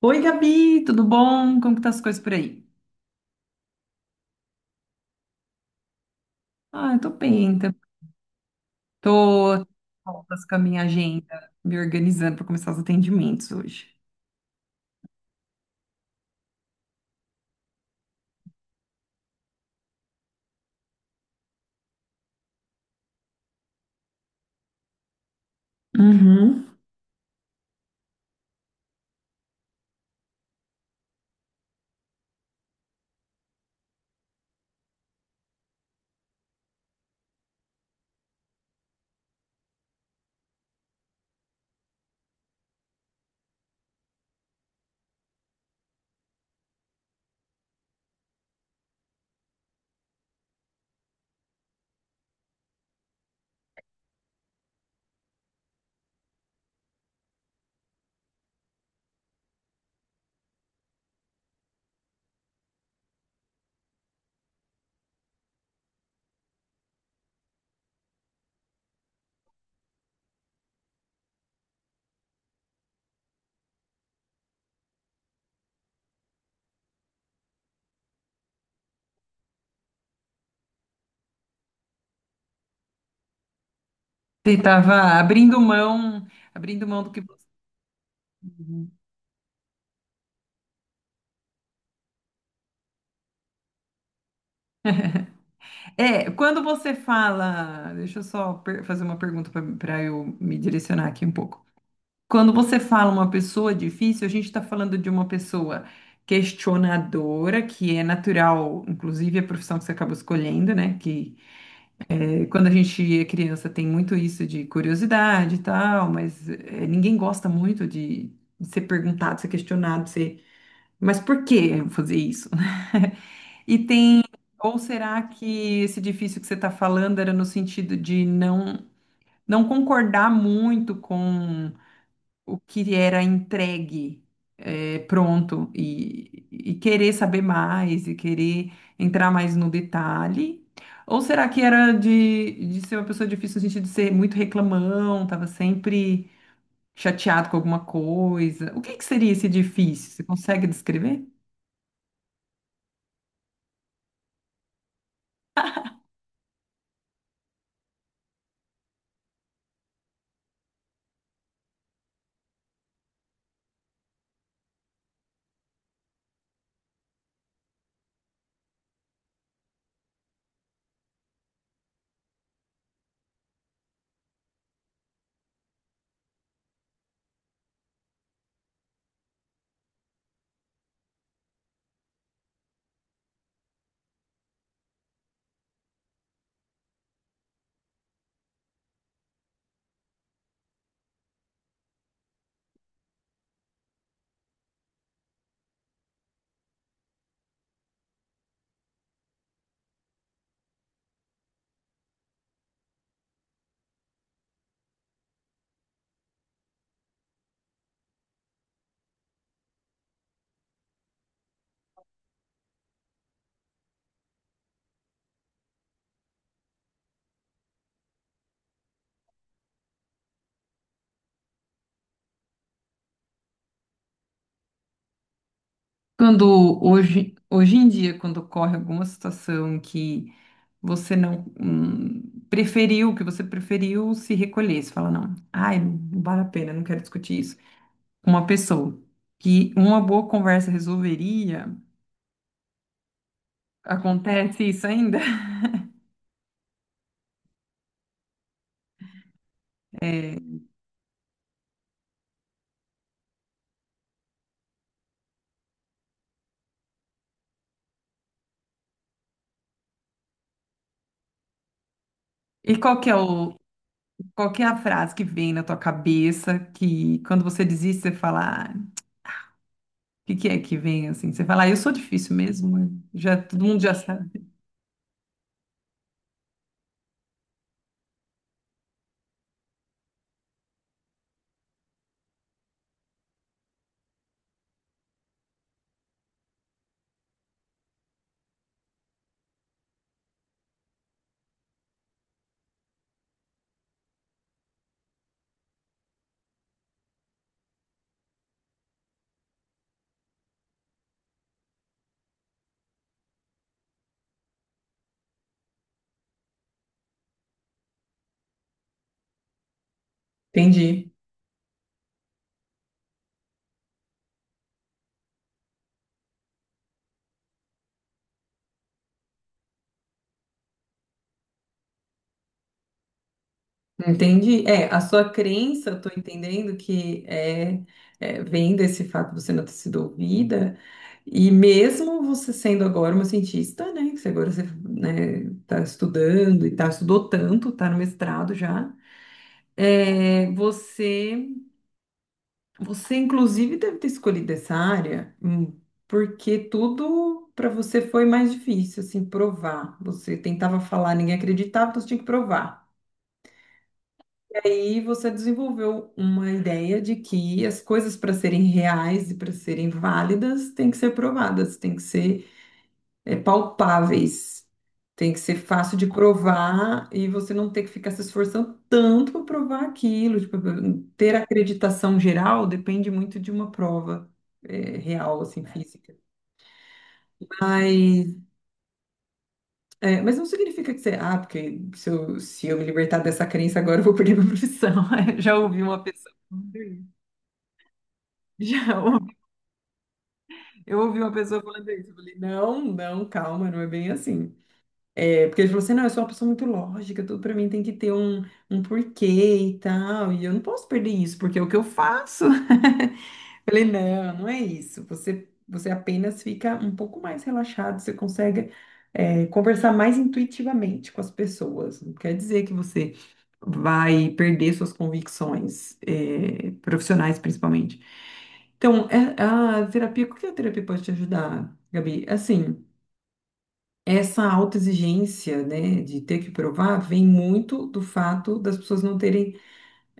Oi, Gabi, tudo bom? Como que tá as coisas por aí? Ah, eu tô bem, tô voltas com a minha agenda, me organizando para começar os atendimentos hoje. Uhum. Você tava abrindo mão, abrindo mão do que você... É, quando você fala, deixa eu só per- fazer uma pergunta para eu me direcionar aqui um pouco. Quando você fala uma pessoa difícil, a gente está falando de uma pessoa questionadora, que é natural, inclusive a profissão que você acaba escolhendo, né? Que Quando a gente é criança, tem muito isso de curiosidade e tal, mas ninguém gosta muito de ser perguntado, ser questionado, ser, mas por que eu fazer isso? E tem, ou será que esse difícil que você está falando era no sentido de não, não concordar muito com o que era entregue, é, pronto, e querer saber mais e querer entrar mais no detalhe? Ou será que era de ser uma pessoa difícil no sentido de ser muito reclamão, estava sempre chateado com alguma coisa? O que que seria esse difícil? Você consegue descrever? Quando hoje, hoje em dia, quando ocorre alguma situação que você não preferiu, que você preferiu se recolher, você fala, não, ai, não vale a pena, não quero discutir isso. Uma pessoa que uma boa conversa resolveria. Acontece isso ainda? É. E qual que é o, qual que é a frase que vem na tua cabeça, que quando você diz isso, você fala, ah, o que que é que vem assim? Você fala, ah, eu sou difícil mesmo, né? Já todo mundo já sabe. Entendi. Entendi. É, a sua crença, eu tô entendendo que é, é, vem desse fato de você não ter sido ouvida, e mesmo você sendo agora uma cientista, né, que você agora você, né, tá estudando e tá, estudou tanto, tá no mestrado já, é, você, você inclusive deve ter escolhido essa área, porque tudo para você foi mais difícil, assim, provar. Você tentava falar, ninguém acreditava, então você tinha que provar. Aí você desenvolveu uma ideia de que as coisas para serem reais e para serem válidas têm que ser provadas, têm que ser, é, palpáveis, tem que ser fácil de provar e você não ter que ficar se esforçando tanto para provar aquilo. Tipo, ter acreditação geral depende muito de uma prova, é, real, assim, física. Mas, é, mas não significa que você, ah, porque se eu, se eu me libertar dessa crença agora eu vou perder minha profissão. Já ouvi uma pessoa. Já, eu ouvi uma pessoa falando isso, eu falei, não, não, calma, não é bem assim. É, porque ele falou assim, não, eu sou uma pessoa muito lógica, tudo pra mim tem que ter um, um porquê e tal, e eu não posso perder isso, porque é o que eu faço. Eu falei, não, não é isso, você, você apenas fica um pouco mais relaxado, você consegue, é, conversar mais intuitivamente com as pessoas, não quer dizer que você vai perder suas convicções, profissionais principalmente. Então, a terapia, o que a terapia pode te ajudar, Gabi? Assim, essa autoexigência, né, de ter que provar, vem muito do fato das pessoas não terem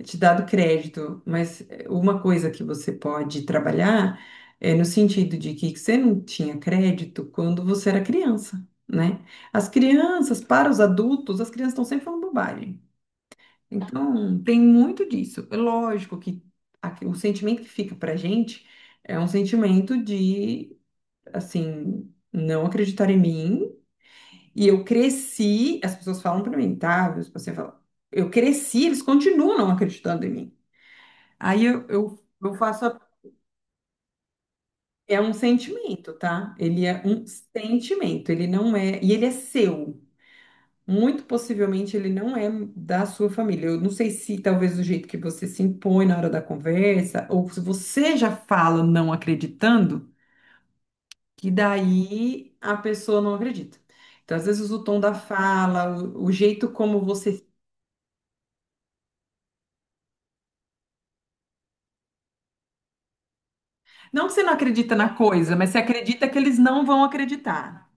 te dado crédito. Mas uma coisa que você pode trabalhar é no sentido de que você não tinha crédito quando você era criança, né? As crianças, para os adultos, as crianças estão sempre falando bobagem. Então, tem muito disso. É lógico que o sentimento que fica pra gente é um sentimento de, assim, não acreditar em mim. E eu cresci, as pessoas falam pra mim, tá? Você fala, eu cresci, eles continuam não acreditando em mim. Aí eu faço, a- é um sentimento, tá? Ele é um sentimento, ele não é, e ele é seu. Muito possivelmente ele não é da sua família. Eu não sei se talvez o jeito que você se impõe na hora da conversa, ou se você já fala não acreditando, que daí a pessoa não acredita. Então, às vezes, o tom da fala, o jeito como você. Não que você não acredita na coisa, mas você acredita que eles não vão acreditar.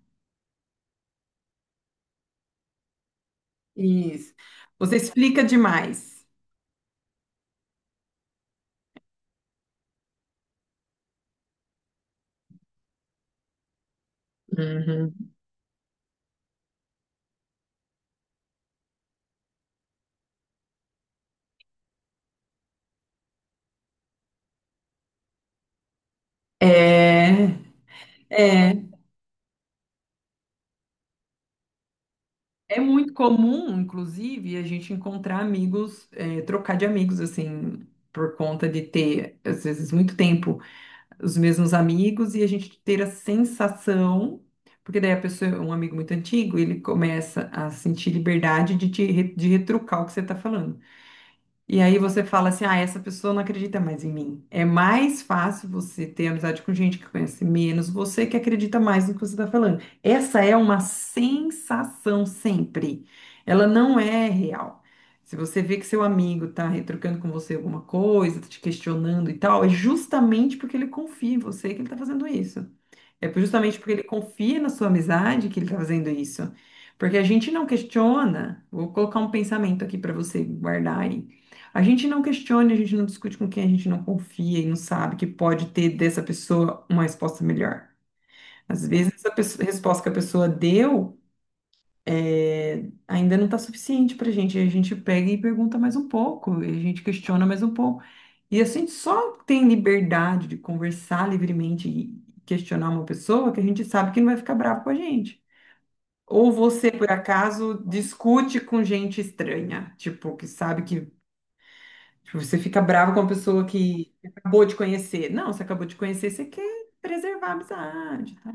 Isso. Você explica demais. Uhum. É, é. É muito comum, inclusive, a gente encontrar amigos, trocar de amigos, assim, por conta de ter, às vezes, muito tempo os mesmos amigos e a gente ter a sensação, porque daí a pessoa, um amigo muito antigo, ele começa a sentir liberdade de, te, de retrucar o que você está falando. E aí você fala assim, ah, essa pessoa não acredita mais em mim. É mais fácil você ter amizade com gente que conhece menos, você que acredita mais no que você está falando. Essa é uma sensação sempre. Ela não é real. Se você vê que seu amigo está retrucando com você alguma coisa, tá te questionando e tal, é justamente porque ele confia em você que ele está fazendo isso. É justamente porque ele confia na sua amizade que ele está fazendo isso. Porque a gente não questiona, vou colocar um pensamento aqui para você guardar aí. A gente não questiona, a gente não discute com quem a gente não confia e não sabe que pode ter dessa pessoa uma resposta melhor. Às vezes, essa resposta que a pessoa deu é, ainda não está suficiente para a gente. A gente pega e pergunta mais um pouco, e a gente questiona mais um pouco. E a gente só tem liberdade de conversar livremente e questionar uma pessoa que a gente sabe que não vai ficar bravo com a gente. Ou você, por acaso, discute com gente estranha? Tipo, que sabe que tipo, você fica bravo com uma pessoa que acabou de conhecer? Não, você acabou de conhecer, você quer preservar a amizade, tá?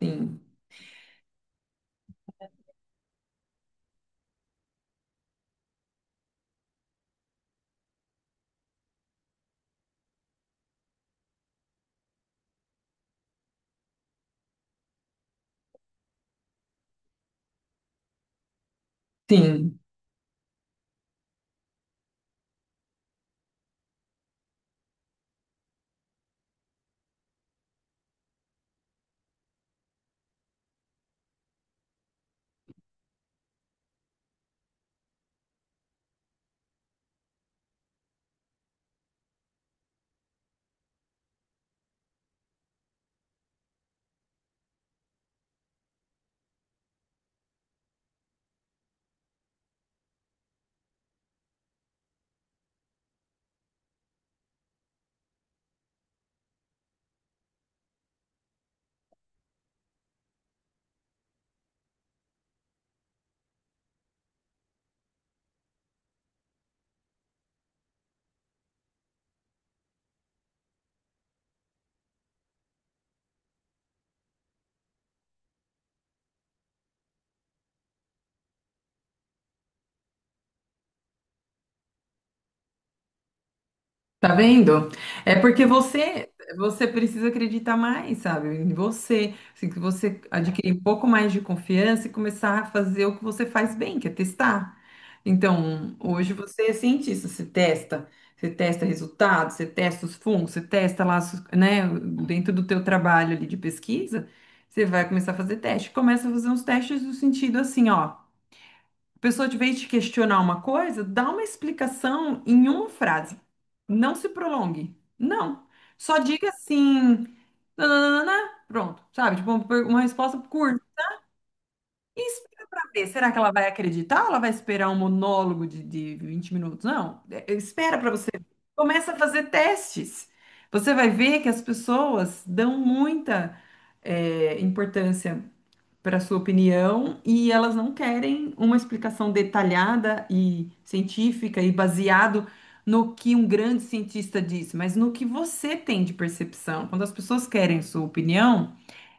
Sim, sim. Tá vendo? É porque você, você precisa acreditar mais, sabe? Em você. Assim, que você adquirir um pouco mais de confiança e começar a fazer o que você faz bem, que é testar. Então, hoje você é cientista, você testa resultados, você testa os fungos, você testa lá, né, dentro do teu trabalho ali de pesquisa, você vai começar a fazer teste. Começa a fazer uns testes no sentido assim, ó. A pessoa, de vez de questionar uma coisa, dá uma explicação em uma frase. Não se prolongue. Não. Só diga assim, nananana, pronto, sabe? Tipo, uma uma resposta curta. E espera pra ver. Será que ela vai acreditar ou ela vai esperar um monólogo de 20 minutos? Não. Espera pra você. Começa a fazer testes. Você vai ver que as pessoas dão muita, importância para sua opinião e elas não querem uma explicação detalhada e científica e baseado no que um grande cientista disse, mas no que você tem de percepção. Quando as pessoas querem sua opinião,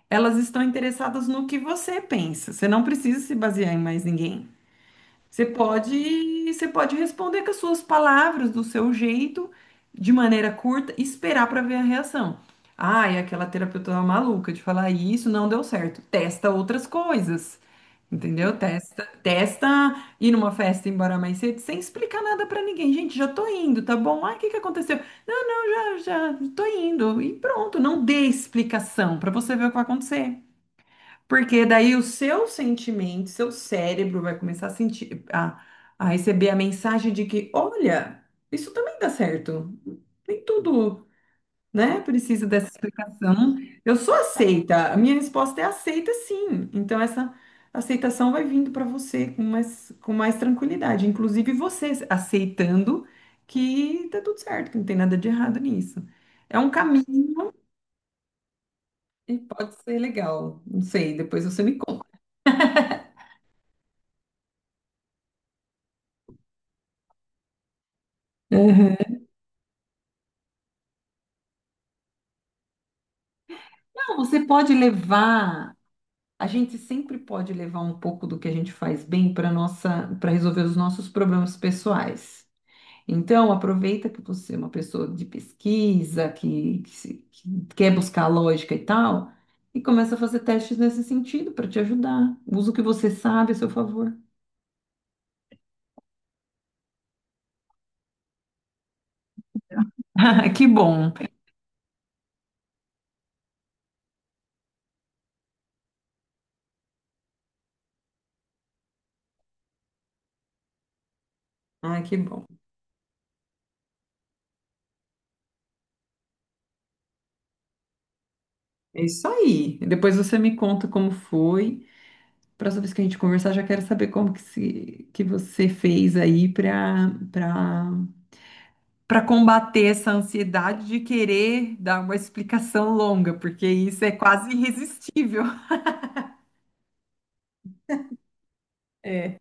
elas estão interessadas no que você pensa. Você não precisa se basear em mais ninguém. Você pode responder com as suas palavras, do seu jeito, de maneira curta, e esperar para ver a reação. Ai, aquela terapeuta maluca de falar isso não deu certo. Testa outras coisas. Entendeu? Testa, testa ir numa festa embora mais cedo sem explicar nada pra ninguém. Gente, já tô indo, tá bom? Ah, o que que aconteceu? Não, não, já, já tô indo. E pronto, não dê explicação pra você ver o que vai acontecer. Porque daí o seu sentimento, seu cérebro vai começar a sentir, a receber a mensagem de que, olha, isso também dá certo. Nem tudo, né? Precisa dessa explicação. Eu sou aceita. A minha resposta é aceita, sim. Então, essa aceitação vai vindo para você com mais tranquilidade. Inclusive, você aceitando que tá tudo certo, que não tem nada de errado nisso. É um caminho e pode ser legal. Não sei, depois você me conta. Uhum. Não, você pode levar. A gente sempre pode levar um pouco do que a gente faz bem para nossa, para resolver os nossos problemas pessoais. Então, aproveita que você é uma pessoa de pesquisa, que, que quer buscar lógica e tal, e começa a fazer testes nesse sentido para te ajudar. Usa o que você sabe a seu favor. Ah, que bom. Ah, que bom. É isso aí. Depois você me conta como foi. Próxima vez que a gente conversar, já quero saber como que, se, que você fez aí para para para combater essa ansiedade de querer dar uma explicação longa, porque isso é quase irresistível. É.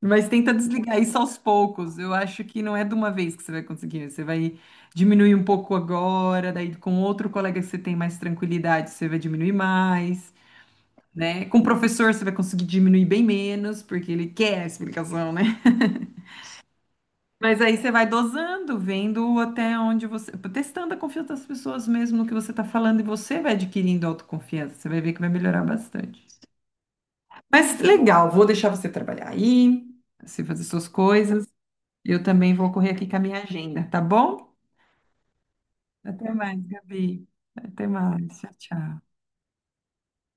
Mas tenta desligar isso aos poucos. Eu acho que não é de uma vez que você vai conseguir. Você vai diminuir um pouco agora, daí com outro colega que você tem mais tranquilidade, você vai diminuir mais, né? Com o professor você vai conseguir diminuir bem menos, porque ele quer a explicação, né? Mas aí você vai dosando, vendo até onde você, testando a confiança das pessoas mesmo no que você está falando e você vai adquirindo autoconfiança. Você vai ver que vai melhorar bastante. Mas legal, vou deixar você trabalhar aí, você fazer suas coisas. Eu também vou correr aqui com a minha agenda, tá bom? Até mais, Gabi. Até mais. Tchau, tchau.